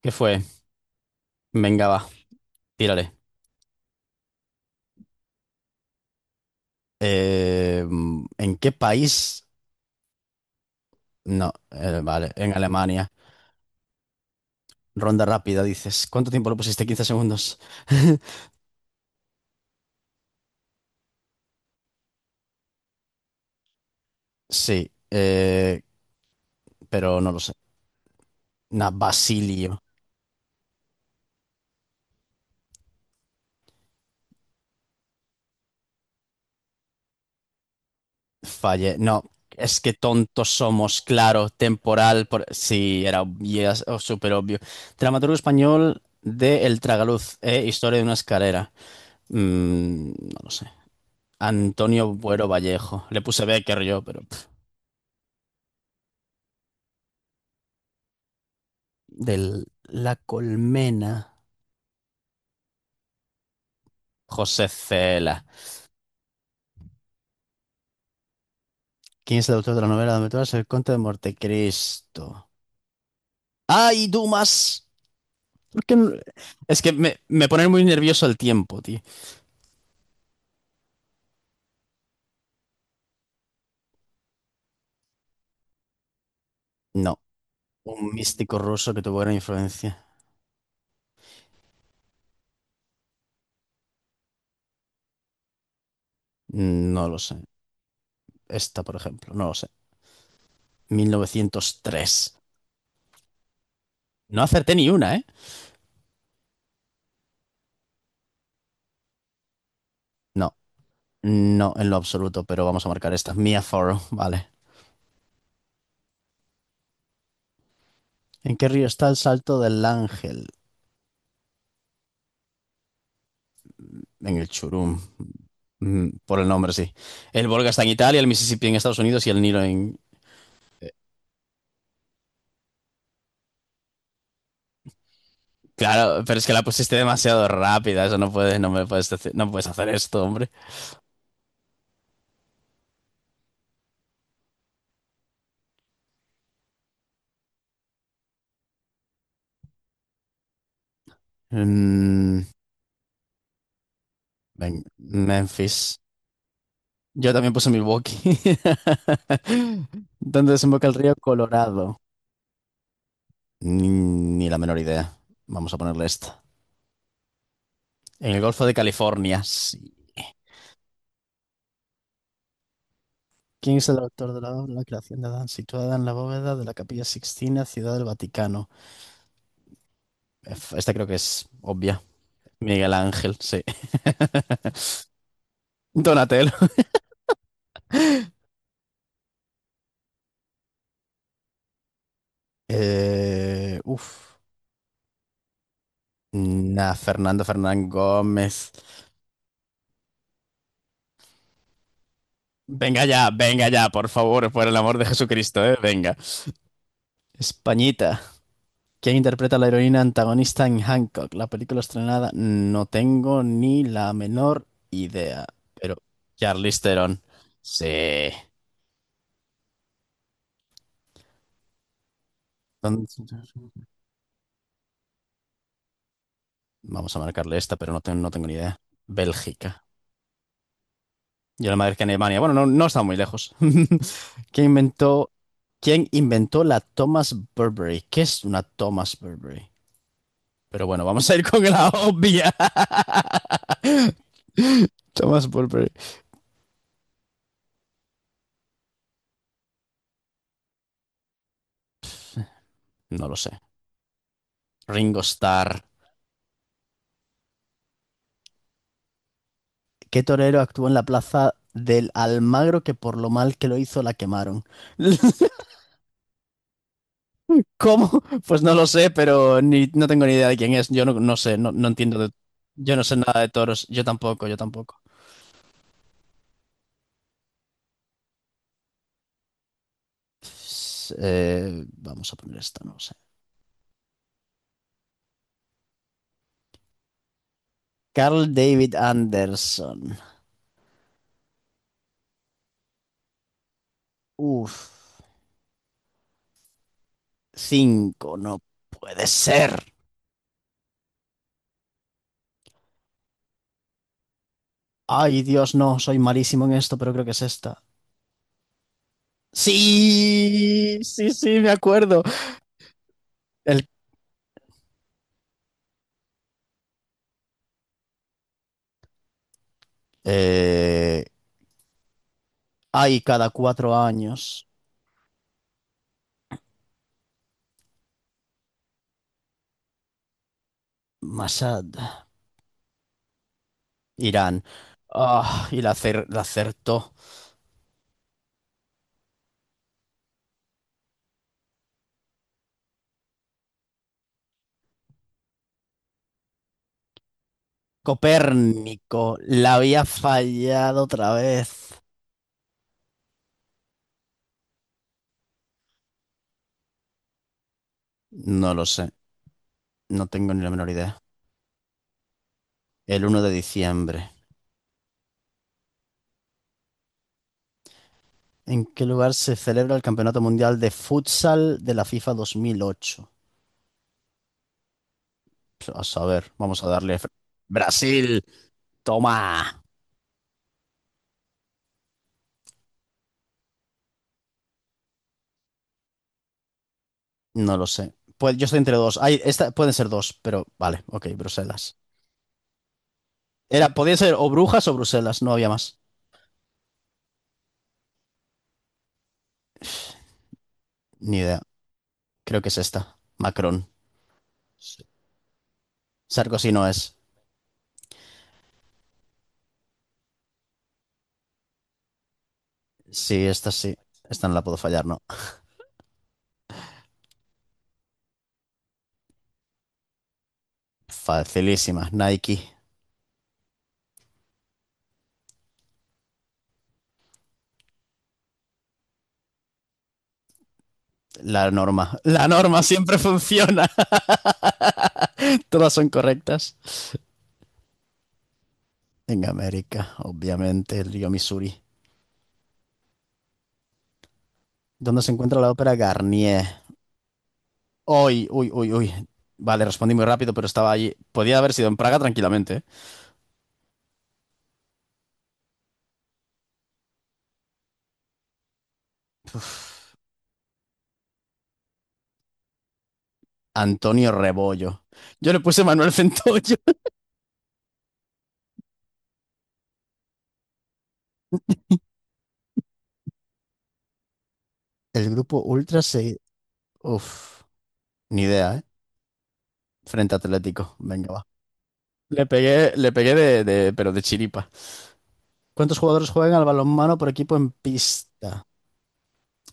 ¿Qué fue? Venga, va, tírale. Eh, ¿En qué país? No, vale, en Alemania. Ronda rápida, dices. ¿Cuánto tiempo lo pusiste? 15 segundos. Sí, pero no lo sé. Na Basilio. Fallé. No, es que tontos somos, claro, temporal. Sí, era yes, oh, súper obvio. Dramaturgo español de El Tragaluz, Historia de una escalera. No lo sé. Antonio Buero Vallejo. Le puse Becker yo, pero. De La Colmena, José Cela. ¿Quién es el autor de la novela de Aventuras? El Conte de Montecristo. ¡Ay, Dumas! ¿Por qué no? Es que me pone muy nervioso el tiempo, tío. No, un místico ruso que tuvo gran influencia. No lo sé. Esta, por ejemplo, no lo sé. 1903. No acerté ni una, ¿eh? No, no en lo absoluto, pero vamos a marcar esta. Mia Farrow, vale. ¿En qué río está el Salto del Ángel? En el Churum. Por el nombre, sí. El Volga está en Italia, el Mississippi en Estados Unidos y el Nilo en... Claro, pero es que la pusiste demasiado rápida. Eso no puedes, no me puedes decir- no puedes hacer esto, hombre. Mm, Ven, Memphis. Yo también puse Milwaukee. ¿Dónde desemboca el río Colorado? Ni la menor idea. Vamos a ponerle esta. En el Golfo de California, sí. ¿Quién es el autor de la obra La creación de Adán, situada en la bóveda de la Capilla Sixtina, Ciudad del Vaticano? Esta creo que es obvia. Miguel Ángel, sí. Donatello. Uf. Nah, Fernando Fernán Gómez. Venga ya, por favor, por el amor de Jesucristo, venga. Españita. ¿Quién interpreta a la heroína antagonista en Hancock? La película estrenada. No tengo ni la menor idea. Pero Charlize Theron. Sí. ¿Dónde- Vamos a marcarle esta, pero no, no tengo ni idea. Bélgica. Yo la madre que en Alemania. Bueno, no, no está muy lejos. ¿Quién inventó, quién inventó la Thomas Burberry? ¿Qué es una Thomas Burberry? Pero bueno, vamos a ir con la obvia. Thomas Burberry. No lo sé. Ringo Starr. ¿Qué torero actuó en la plaza del Almagro que por lo mal que lo hizo la quemaron? ¿Cómo? Pues no lo sé, pero ni, no tengo ni idea de quién es. Yo no, no sé, no, no entiendo de... Yo no sé nada de toros. Yo tampoco, yo tampoco. Pues, vamos a poner esta, no sé. Carl David Anderson. Uf. Cinco, no puede ser. Ay, Dios, no, soy malísimo en esto, pero creo que es esta. Sí, sí, sí, me acuerdo. El, eh, Ay, cada 4 años. Masad, Irán. Ah, y la acertó. Copérnico, la había fallado otra vez. No lo sé, no tengo ni la menor idea. El 1 de diciembre. ¿En qué lugar se celebra el Campeonato Mundial de Futsal de la FIFA 2008? Pues, a saber, vamos a darle. Brasil, toma. No lo sé. Pues yo estoy entre dos. Ay, esta, pueden ser dos, pero vale, ok, Bruselas. Podía ser o Brujas o Bruselas, no había más. Ni idea. Creo que es esta. Macron. Sí. Sarkozy no es. Sí. Esta no la puedo fallar, no. Facilísima. Nike. La norma. La norma siempre funciona. Todas son correctas. En América, obviamente, el río Missouri. ¿Dónde se encuentra la ópera Garnier? Uy, uy, uy, uy. Vale, respondí muy rápido, pero estaba allí. Podía haber sido en Praga tranquilamente. ¿Eh? Antonio Rebollo. Yo le puse Manuel Centollo. El grupo Ultra se... Uf, ni idea, ¿eh? Frente Atlético. Venga, va. Le pegué pero de chiripa. ¿Cuántos jugadores juegan al balonmano por equipo en pista?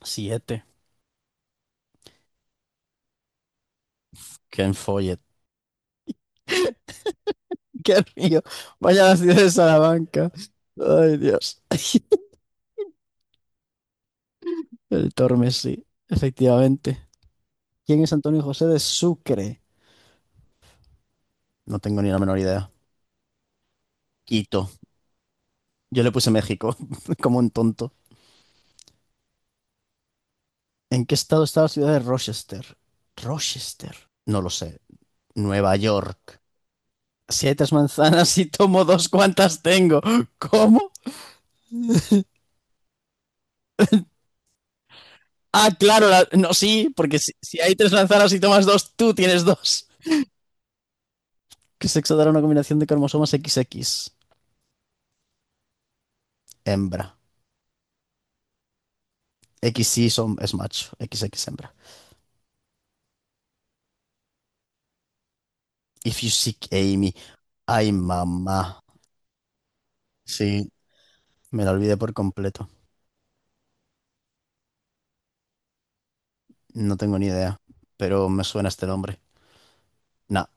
Siete. Qué enfolle. Qué río. Vaya la ciudad de Salamanca. Ay, Dios. El Tormes, sí, efectivamente. ¿Quién es Antonio José de Sucre? No tengo ni la menor idea. Quito. Yo le puse México, como un tonto. ¿En qué estado está la ciudad de Rochester? Rochester. No lo sé. Nueva York. Siete manzanas y tomo dos, ¿cuántas tengo? ¿Cómo? Ah, claro, no, sí, porque si, si hay tres manzanas y tomas dos, tú tienes dos. ¿Qué sexo dará una combinación de cromosomas XX? Hembra. Equis y son, es macho, XX hembra. If you seek Amy. Ay, mamá. Sí, me la olvidé por completo. No tengo ni idea, pero me suena este nombre. Nah.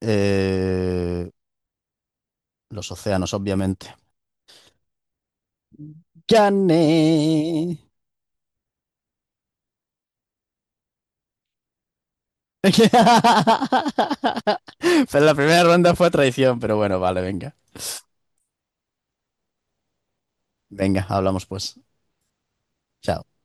eh, los océanos, obviamente. ¡Gané! Pero la primera ronda fue traición, pero bueno, vale, venga. Venga, hablamos pues. Chao.